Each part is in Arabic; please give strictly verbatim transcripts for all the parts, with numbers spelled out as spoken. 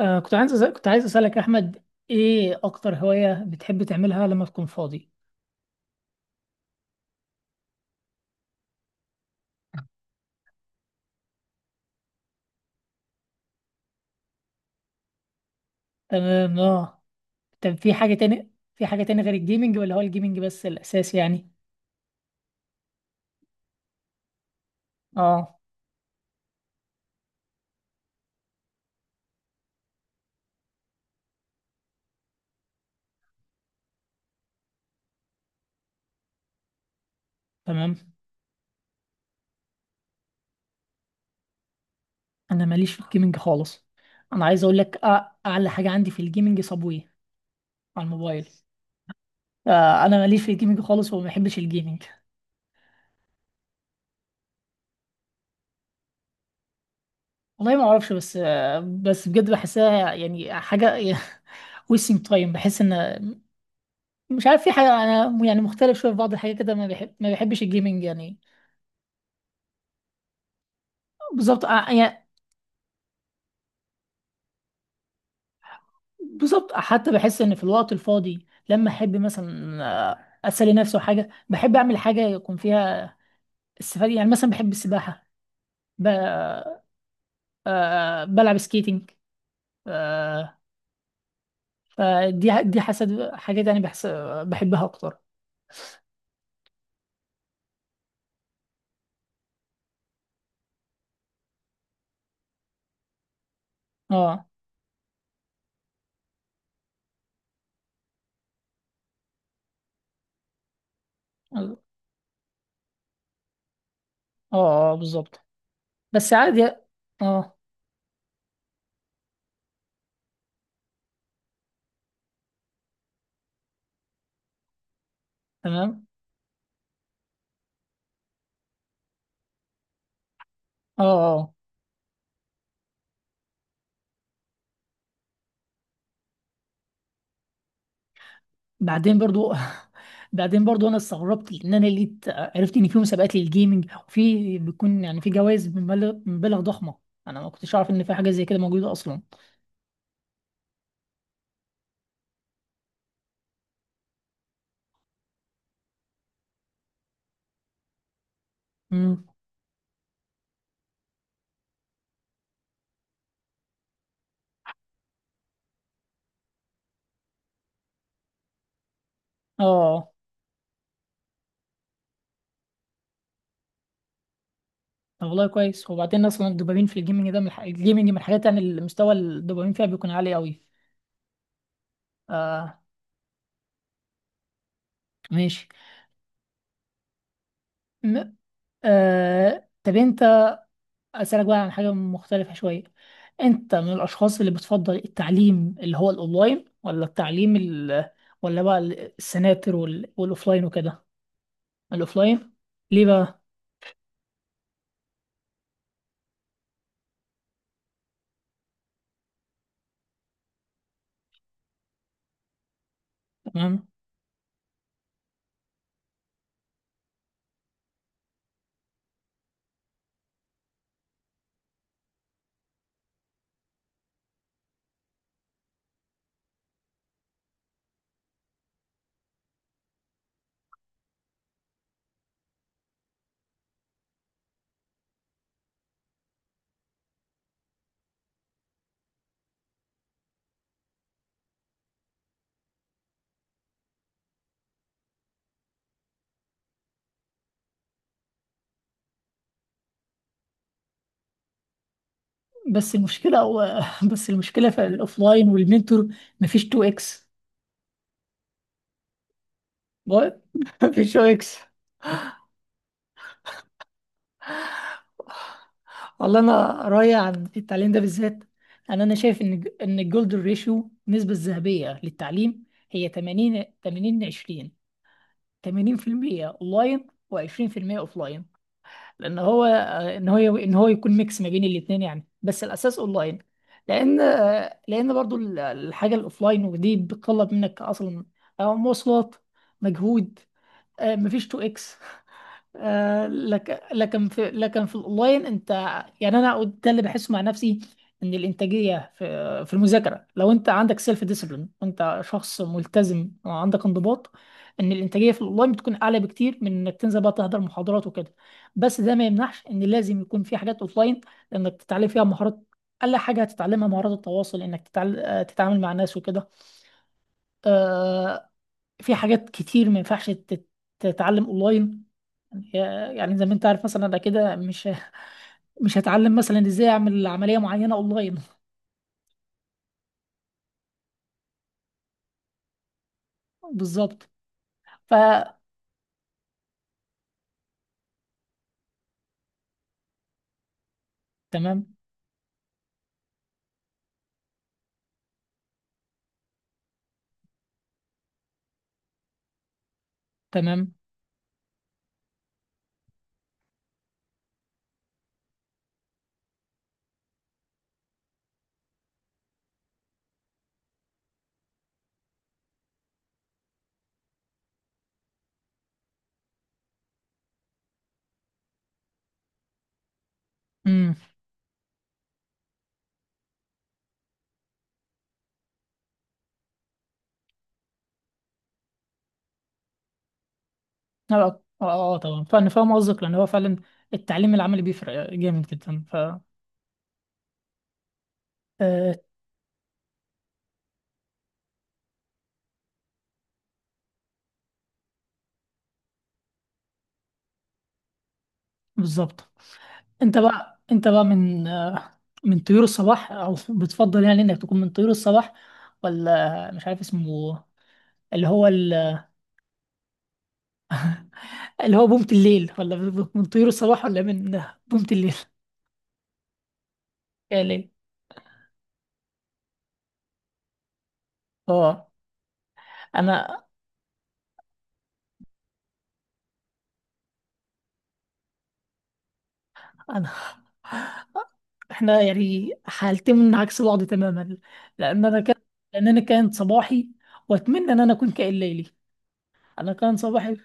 آه كنت عايز أسأل كنت عايز أسألك أحمد، إيه أكتر هواية بتحب تعملها لما تكون فاضي؟ تمام. آه، طب في حاجة تاني في حاجة تاني غير الجيمنج ولا هو الجيمنج بس الأساس يعني؟ آه، تمام. أنا ماليش في الجيمنج خالص أنا عايز أقول لك، آه، أعلى حاجة عندي في الجيمنج صابوي على الموبايل. آه، أنا ماليش في الجيمنج خالص وما بحبش الجيمنج. والله ما أعرفش، بس آه، بس بجد بحسها يعني حاجة wasting time. بحس إن، مش عارف، في حاجة أنا يعني مختلف شوية في بعض الحاجات كده، ما بحب ما بحبش الجيمنج يعني. بالظبط، آه، يعني بالظبط، آه، حتى بحس إن في الوقت الفاضي لما أحب مثلا، آه، أسلي نفسي وحاجة، بحب أعمل حاجة يكون فيها استفادة يعني. مثلا بحب السباحة، ب... آه، بلعب سكيتنج، آه، فدي دي حسد حاجات يعني بحس، آه، بحبها أكتر. اه اه آه، بالظبط. بس عادي. اه، تمام. اه. آه. بعدين برضو بعدين برضو انا استغربت ان انا لقيت عرفت ان في مسابقات للجيمنج وفي بيكون يعني في جوائز بمبالغ بمبالغ ضخمه. انا ما كنتش اعرف ان في حاجه زي كده موجوده اصلا. امم، اه. طب والله كويس. وبعدين اصلا الدوبامين في الجيمنج ده من الح... الجيمنج من الحاجات يعني المستوى الدوبامين فيها بيكون عالي قوي. آه، ماشي. م... آه، طب انت، أسألك بقى عن حاجة مختلفة شوية. أنت من الأشخاص اللي بتفضل التعليم اللي هو الأونلاين ولا التعليم ال... ولا بقى السناتر وال... والأوفلاين وكده؟ الأوفلاين. ليه بقى؟ تمام. بس المشكلة هو بس المشكلة في الأوفلاين والمنتور مفيش اتنين اكس. بقى- مفيش اتنين اكس. والله أنا رأيي عن التعليم ده بالذات، أنا أنا شايف إن إن الجولدن ريشيو النسبة الذهبية للتعليم هي ثمانين ثمانين عشرين. ثمانين في المئة اونلاين و20% اوفلاين. لان هو، آه، ان هو ان هو يكون ميكس ما بين الاثنين يعني، بس الاساس اونلاين. لان، آه، لان برضو ال- الحاجه الاوفلاين ودي بتطلب منك اصلا، آه، مواصلات، مجهود، آه، مفيش اتنين اكس. آه، لك لكن في لكن في الاونلاين انت، يعني انا ده اللي بحسه مع نفسي، ان الانتاجيه في في المذاكره لو انت عندك سيلف ديسيبلين وانت شخص ملتزم وعندك انضباط، ان الانتاجيه في الاونلاين بتكون اعلى بكتير من انك تنزل بقى تحضر محاضرات وكده. بس ده ما يمنعش ان لازم يكون في حاجات اوفلاين لانك تتعلم فيها مهارات. اقل حاجه هتتعلمها مهارات التواصل، انك تتعل... آه، تتعامل مع ناس وكده. آه، في حاجات كتير ما ينفعش تت- تتعلم اونلاين. يعني هي- يعني زي ما انت عارف، مثلا انا كده مش مش هتعلم مثلا ازاي اعمل عمليه معينه اونلاين. بالظبط. ف، تمام. تمام. امم. اه اه آه، اه، طبعا فانا فاهم قصدك، لان هو فعلا التعليم العملي بيفرق جامد جدا. ف، آه، بالظبط. انت بقى انت بقى من، آه، من طيور الصباح، او بتفضل يعني انك تكون من طيور الصباح ولا، مش عارف اسمه، اللي هو ال- اللي هو بومة الليل؟ ولا من طيور الصباح ولا من بومة الليل؟ يا ليل. اه، انا انا، احنا يعني حالتين من عكس بعض تماما. لان انا كان لان انا كان صباحي، واتمنى ان انا اكون كائن ليلي. انا كان صباحي.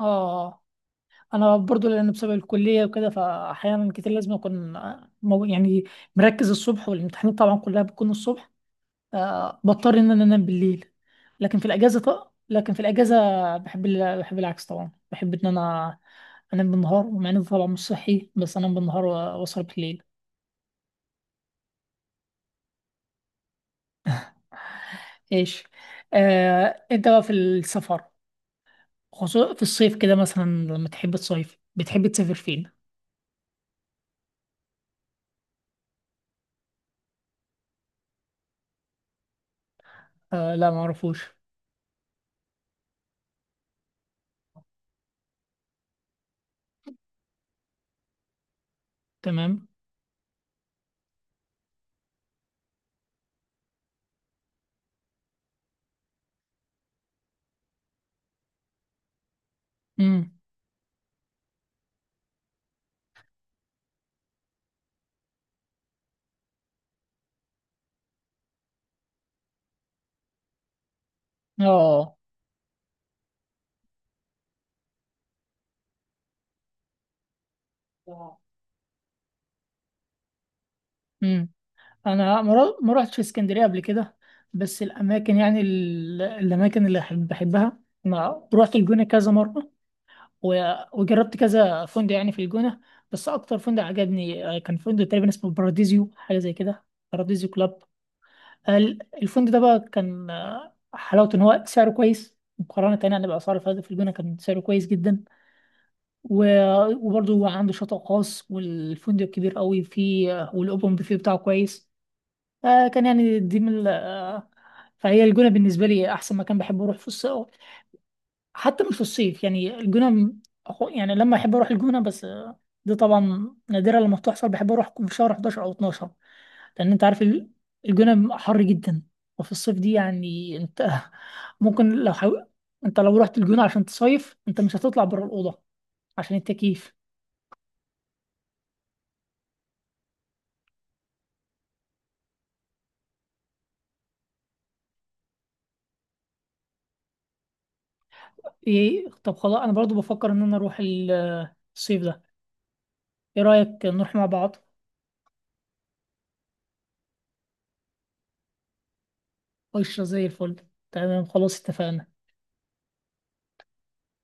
اه، انا برضو لان بسبب الكليه وكده، فاحيانا كتير لازم اكون، مو- يعني مركز الصبح، والامتحانات طبعا كلها بتكون الصبح. آه، بضطر ان انا انام بالليل. لكن في الاجازه طق لكن في الاجازه بحب ال- بحب العكس طبعا. بحب ان انا انام بالنهار، ومع ان ده طبعا مش صحي، بس انام بالنهار و- واسهر بالليل. ايش، آه، انت بقى في السفر، خصوصا في الصيف كده، مثلا لما تحب تصيف، بتحب تسافر فين؟ آه، لا، ما اعرفوش. تمام. امم. اه. امم. انا ما رو- ما روحتش اسكندريه قبل كده. بس الاماكن يعني ال- الاماكن اللي أحب بحبها، انا روحت الجونه كذا مره، و- وجربت كذا فندق يعني في الجونه. بس اكتر فندق عجبني، آه، كان فندق تقريبا اسمه باراديزيو، حاجه زي كده، باراديزيو كلاب. ال- الفندق ده بقى كان، آه، حلاوته ان هو سعره كويس مقارنة تاني يعني بأسعار الفنادق في الجونة، كان سعره كويس جدا. و- وبرضه هو عنده شاطئ خاص، والفندق كبير قوي فيه، آه، والأوبن بوفيه بتاعه كويس. آه، كان يعني دي من ال- آه، فهي الجونة بالنسبة لي أحسن مكان بحب أروح في الصيف. حتى مش في الصيف يعني، الجونة م- أخو- يعني لما أحب أروح الجونة، بس آه، دي طبعا نادرة لما بتحصل، بحب أروح في شهر حداشر أو اتناشر. لان انت عارف ال- الجونه حر جدا. وفي الصيف دي يعني انت ممكن لو حاول، انت لو رحت الجونه عشان تصيف انت مش هتطلع بره الاوضه عشان التكييف. ايه، طب خلاص، انا برضو بفكر ان انا اروح ال- الصيف ده. ايه رايك نروح مع بعض؟ قشره زي الفل. تمام، خلاص، اتفقنا.